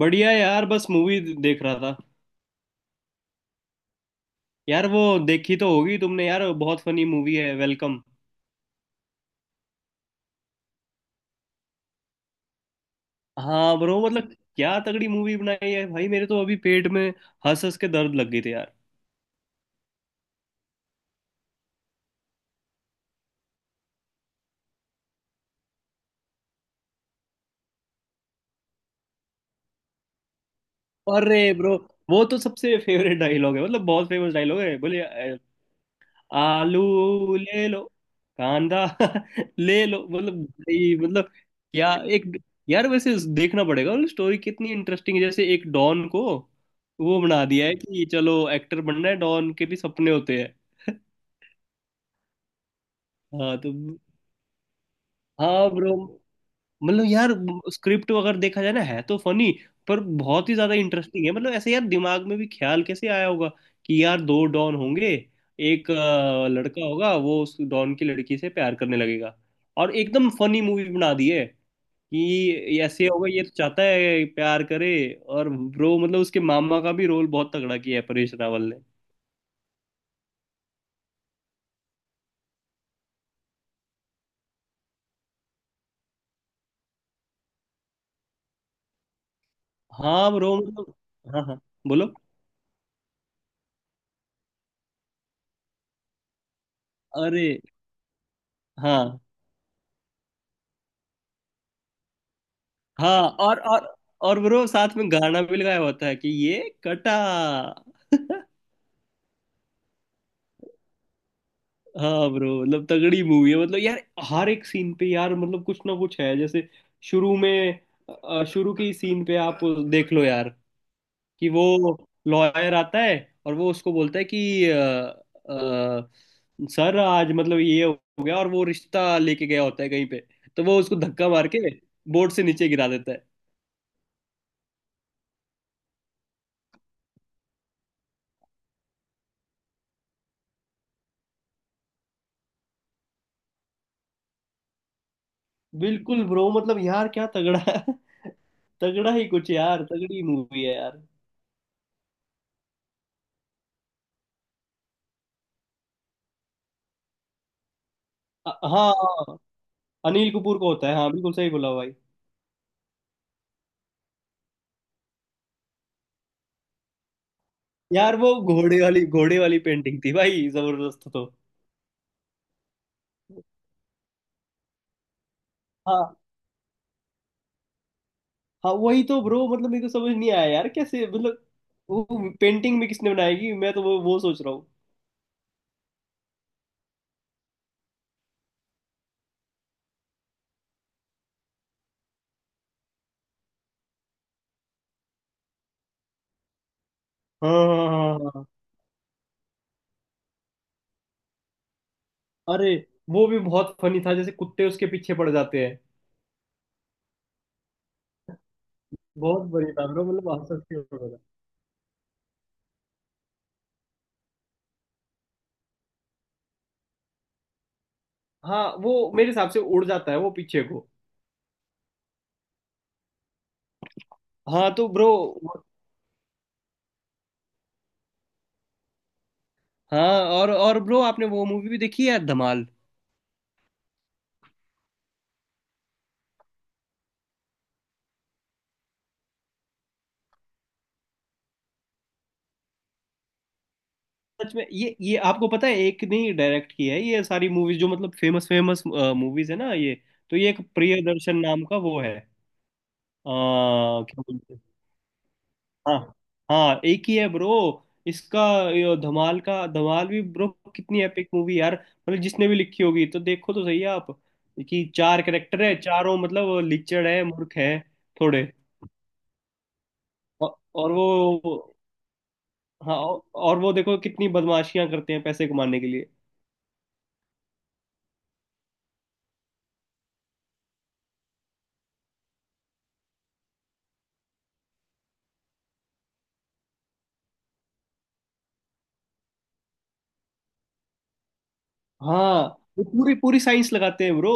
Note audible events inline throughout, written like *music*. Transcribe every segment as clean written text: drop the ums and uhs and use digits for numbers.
बढ़िया यार, बस मूवी देख रहा था। यार वो, देखी तो होगी तुमने यार, बहुत फनी मूवी है वेलकम। हाँ ब्रो, मतलब क्या तगड़ी मूवी बनाई है भाई, मेरे तो अभी पेट में हंस हंस के दर्द लग गई थी यार। अरे ब्रो, वो तो सबसे *laughs* फेवरेट डायलॉग है, मतलब बहुत फेमस डायलॉग है। बोले आलू ले लो, कांदा *laughs* ले लो मतलब। भाई मतलब क्या, एक। यार वैसे देखना पड़ेगा, मतलब स्टोरी कितनी इंटरेस्टिंग है। जैसे एक डॉन को वो बना दिया है कि चलो एक्टर बनना है, डॉन के भी सपने होते हैं। हाँ तो। हाँ ब्रो मतलब यार, स्क्रिप्ट अगर देखा जाए ना, है तो फनी पर बहुत ही ज्यादा इंटरेस्टिंग है। मतलब ऐसे यार, दिमाग में भी ख्याल कैसे आया होगा कि यार दो डॉन होंगे। एक लड़का होगा, वो उस डॉन की लड़की से प्यार करने लगेगा और एकदम फनी मूवी बना दी है। कि ऐसे होगा, ये तो चाहता है प्यार करे। और ब्रो मतलब उसके मामा का भी रोल बहुत तगड़ा किया है परेश रावल ने। हाँ ब्रो मतलब। हाँ हाँ बोलो। अरे हाँ हाँ, और ब्रो साथ में गाना भी लगाया होता है कि ये कटा *laughs* हाँ ब्रो, मतलब तगड़ी मूवी है मतलब यार। हर एक सीन पे यार, मतलब कुछ ना कुछ है। जैसे शुरू में, शुरू की सीन पे आप देख लो यार। कि वो लॉयर आता है और वो उसको बोलता है कि सर आज मतलब ये हो गया और वो रिश्ता लेके गया होता है कहीं पे। तो वो उसको धक्का मार के बोर्ड से नीचे गिरा देता है। बिल्कुल ब्रो, मतलब यार क्या तगड़ा है। *laughs* तगड़ा ही कुछ, यार तगड़ी मूवी है यार। हाँ हाँ, अनिल कपूर का होता है। हाँ बिल्कुल सही बोला भाई। यार वो घोड़े वाली पेंटिंग थी भाई, जबरदस्त तो। हाँ हाँ वही तो ब्रो, मतलब मेरे को समझ नहीं आया यार कैसे मतलब। वो पेंटिंग में किसने बनाएगी मैं तो, वो सोच रहा हूँ। हाँ हाँ हाँ हाँ हाँ, हाँ। अरे वो भी बहुत फनी था जैसे कुत्ते उसके पीछे पड़ जाते हैं। बहुत बढ़िया था ब्रो, मतलब हंस हंस के उड़ रहा था। हाँ वो मेरे हिसाब से उड़ जाता है वो पीछे को। हाँ तो ब्रो। हाँ, और ब्रो आपने वो मूवी भी देखी है धमाल। सच में, ये आपको पता है, एक नहीं डायरेक्ट की है ये सारी मूवीज जो मतलब फेमस फेमस मूवीज है ना ये। तो ये एक प्रियदर्शन नाम का वो है क्या बोलते हैं। हाँ हाँ एक ही है ब्रो। इसका ये धमाल का धमाल भी ब्रो, कितनी एपिक मूवी यार। मतलब जिसने भी लिखी होगी तो देखो तो सही आप। कि चार कैरेक्टर है, चारों मतलब लिचड़ है, मूर्ख है थोड़े। औ- और वो, हाँ और वो देखो कितनी बदमाशियां करते हैं पैसे कमाने के लिए। हाँ, वो पूरी पूरी साइंस लगाते हैं ब्रो।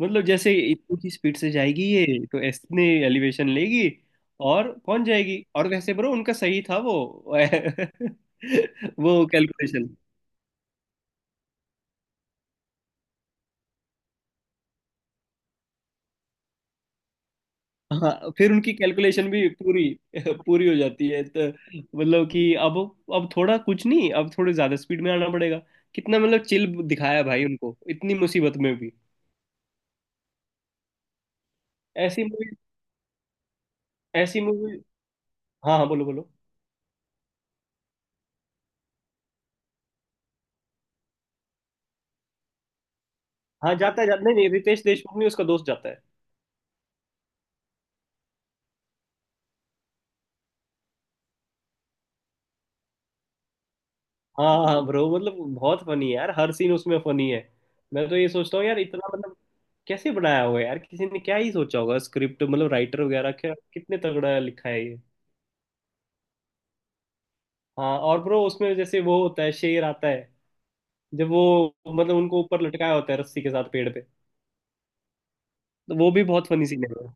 मतलब जैसे इतनी की स्पीड से जाएगी ये तो इतने एलिवेशन लेगी और पहुंच जाएगी। और वैसे ब्रो उनका सही था वो *laughs* वो कैलकुलेशन। हाँ फिर उनकी कैलकुलेशन भी पूरी *laughs* पूरी हो जाती है तो मतलब कि अब, थोड़ा कुछ नहीं, अब थोड़े ज्यादा स्पीड में आना पड़ेगा। कितना मतलब चिल दिखाया भाई, उनको इतनी मुसीबत में भी। ऐसी मूवी, ऐसी मूवी। हाँ हाँ बोलो बोलो। हाँ जाता है, जाता नहीं, नहीं रितेश देशमुख, नहीं उसका दोस्त जाता है। हाँ हाँ ब्रो, मतलब बहुत फनी है यार, हर सीन उसमें फनी है। मैं तो ये सोचता हूँ यार इतना मतलब, कैसे बनाया होगा यार, किसी ने क्या ही सोचा होगा स्क्रिप्ट मतलब, राइटर वगैरह क्या कितने तगड़ा लिखा है ये। हाँ और ब्रो उसमें जैसे वो होता है शेर आता है, जब वो मतलब उनको ऊपर लटकाया होता है रस्सी के साथ पेड़ पे, तो वो भी बहुत फनी सीन है bro।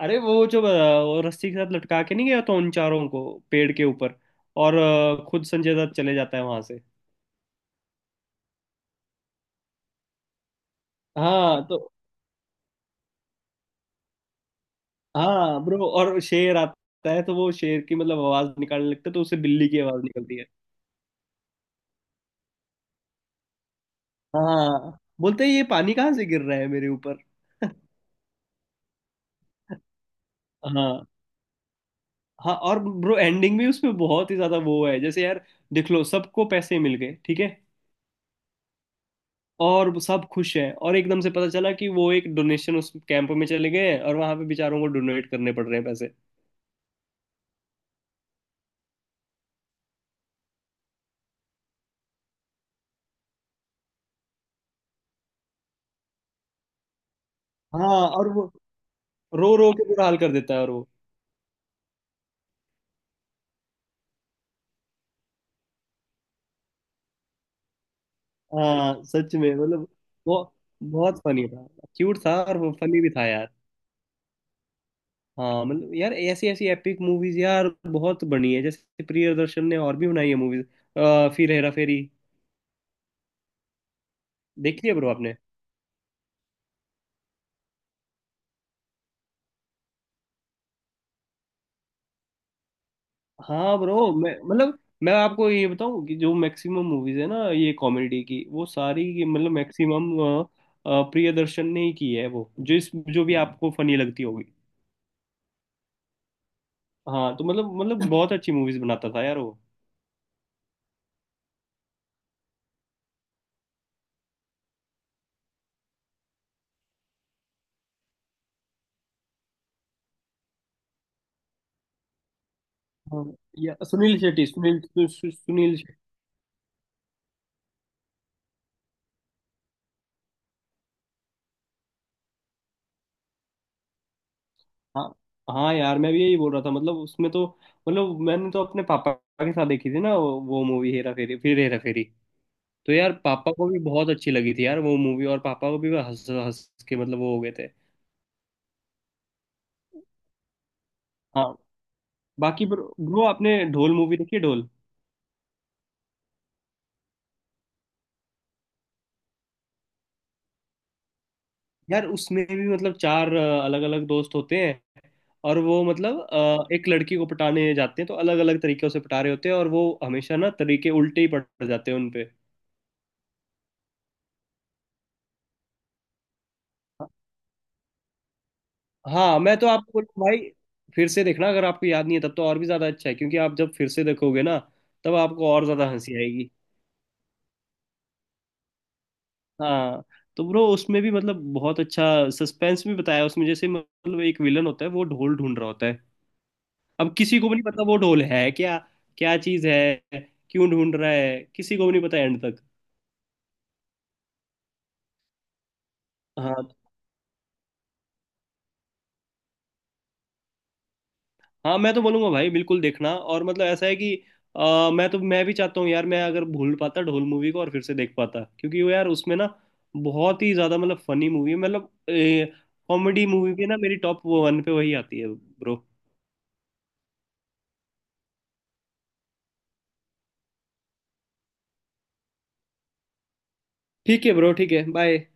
अरे वो जो वो रस्सी के साथ लटका के नहीं गया तो उन चारों को पेड़ के ऊपर, और खुद संजय दत्त चले जाता है वहां से। हाँ तो। हाँ ब्रो, और शेर आता है तो वो शेर की मतलब आवाज निकालने लगता है, तो उससे बिल्ली की आवाज निकलती है। हाँ बोलते हैं ये पानी कहाँ से गिर रहा है मेरे ऊपर *laughs* हाँ हाँ, और ब्रो एंडिंग भी उसमें बहुत ही ज्यादा वो है। जैसे यार देख लो, सबको पैसे मिल गए ठीक है और वो सब खुश हैं, और एकदम से पता चला कि वो एक डोनेशन उस कैंप में चले गए हैं और वहां पे बेचारों को डोनेट करने पड़ रहे हैं पैसे। हाँ और वो रो रो के बुरा हाल कर देता है, और वो। हाँ सच में मतलब, वो बहुत फनी था। क्यूट था, और वो फनी भी था यार। हाँ मतलब यार, ऐसी ऐसी एपिक मूवीज यार बहुत बनी है। जैसे प्रियदर्शन ने और भी बनाई है मूवीज, फिर हेरा फेरी। देखी है ब्रो आपने? हाँ ब्रो मैं मतलब, मैं आपको ये बताऊं कि जो मैक्सिमम मूवीज है ना, ये कॉमेडी की, वो सारी की मतलब मैक्सिमम प्रियदर्शन ने ही की है, वो जो इस जो भी आपको फनी लगती होगी। हाँ तो मतलब, बहुत अच्छी मूवीज बनाता था यार वो। हाँ, या सुनील शेट्टी, सुनील सु, सु, सुनील। हाँ हाँ यार, मैं भी यही बोल रहा था मतलब उसमें तो। मतलब मैंने तो अपने पापा के साथ देखी थी ना वो मूवी, हेरा फेरी फिर हेरा फेरी। तो यार पापा को भी बहुत अच्छी लगी थी यार वो मूवी, और पापा को भी वो हंस हंस के मतलब वो हो गए थे। हाँ। बाकी ब्रो ब्रो आपने ढोल मूवी देखी है ढोल? यार उसमें भी मतलब चार अलग अलग दोस्त होते हैं, और वो मतलब एक लड़की को पटाने जाते हैं, तो अलग अलग तरीके से पटा रहे होते हैं और वो हमेशा ना तरीके उल्टे ही पड़ जाते हैं उनपे। हाँ मैं तो आपको बोलूँ भाई, फिर से देखना। अगर आपको याद नहीं है तब तो और भी ज़्यादा अच्छा है, क्योंकि आप जब फिर से देखोगे ना तब आपको और ज़्यादा हंसी आएगी। हाँ तो ब्रो उसमें भी मतलब बहुत अच्छा सस्पेंस भी बताया है उसमें। जैसे मतलब एक विलन होता है, वो ढोल ढूंढ रहा होता है। अब किसी को भी नहीं पता वो ढोल है क्या, क्या चीज़ है, क्यों ढूंढ रहा है, किसी को भी नहीं पता एंड तक। हाँ हाँ, मैं तो बोलूंगा भाई बिल्कुल देखना। और मतलब ऐसा है कि मैं तो, मैं भी चाहता हूँ यार, मैं अगर भूल पाता ढोल मूवी को और फिर से देख पाता, क्योंकि वो यार उसमें ना बहुत ही ज्यादा मतलब फनी मूवी है। मतलब कॉमेडी मूवी भी ना मेरी टॉप वन पे वही आती है ब्रो। ठीक है ब्रो, ठीक है बाय।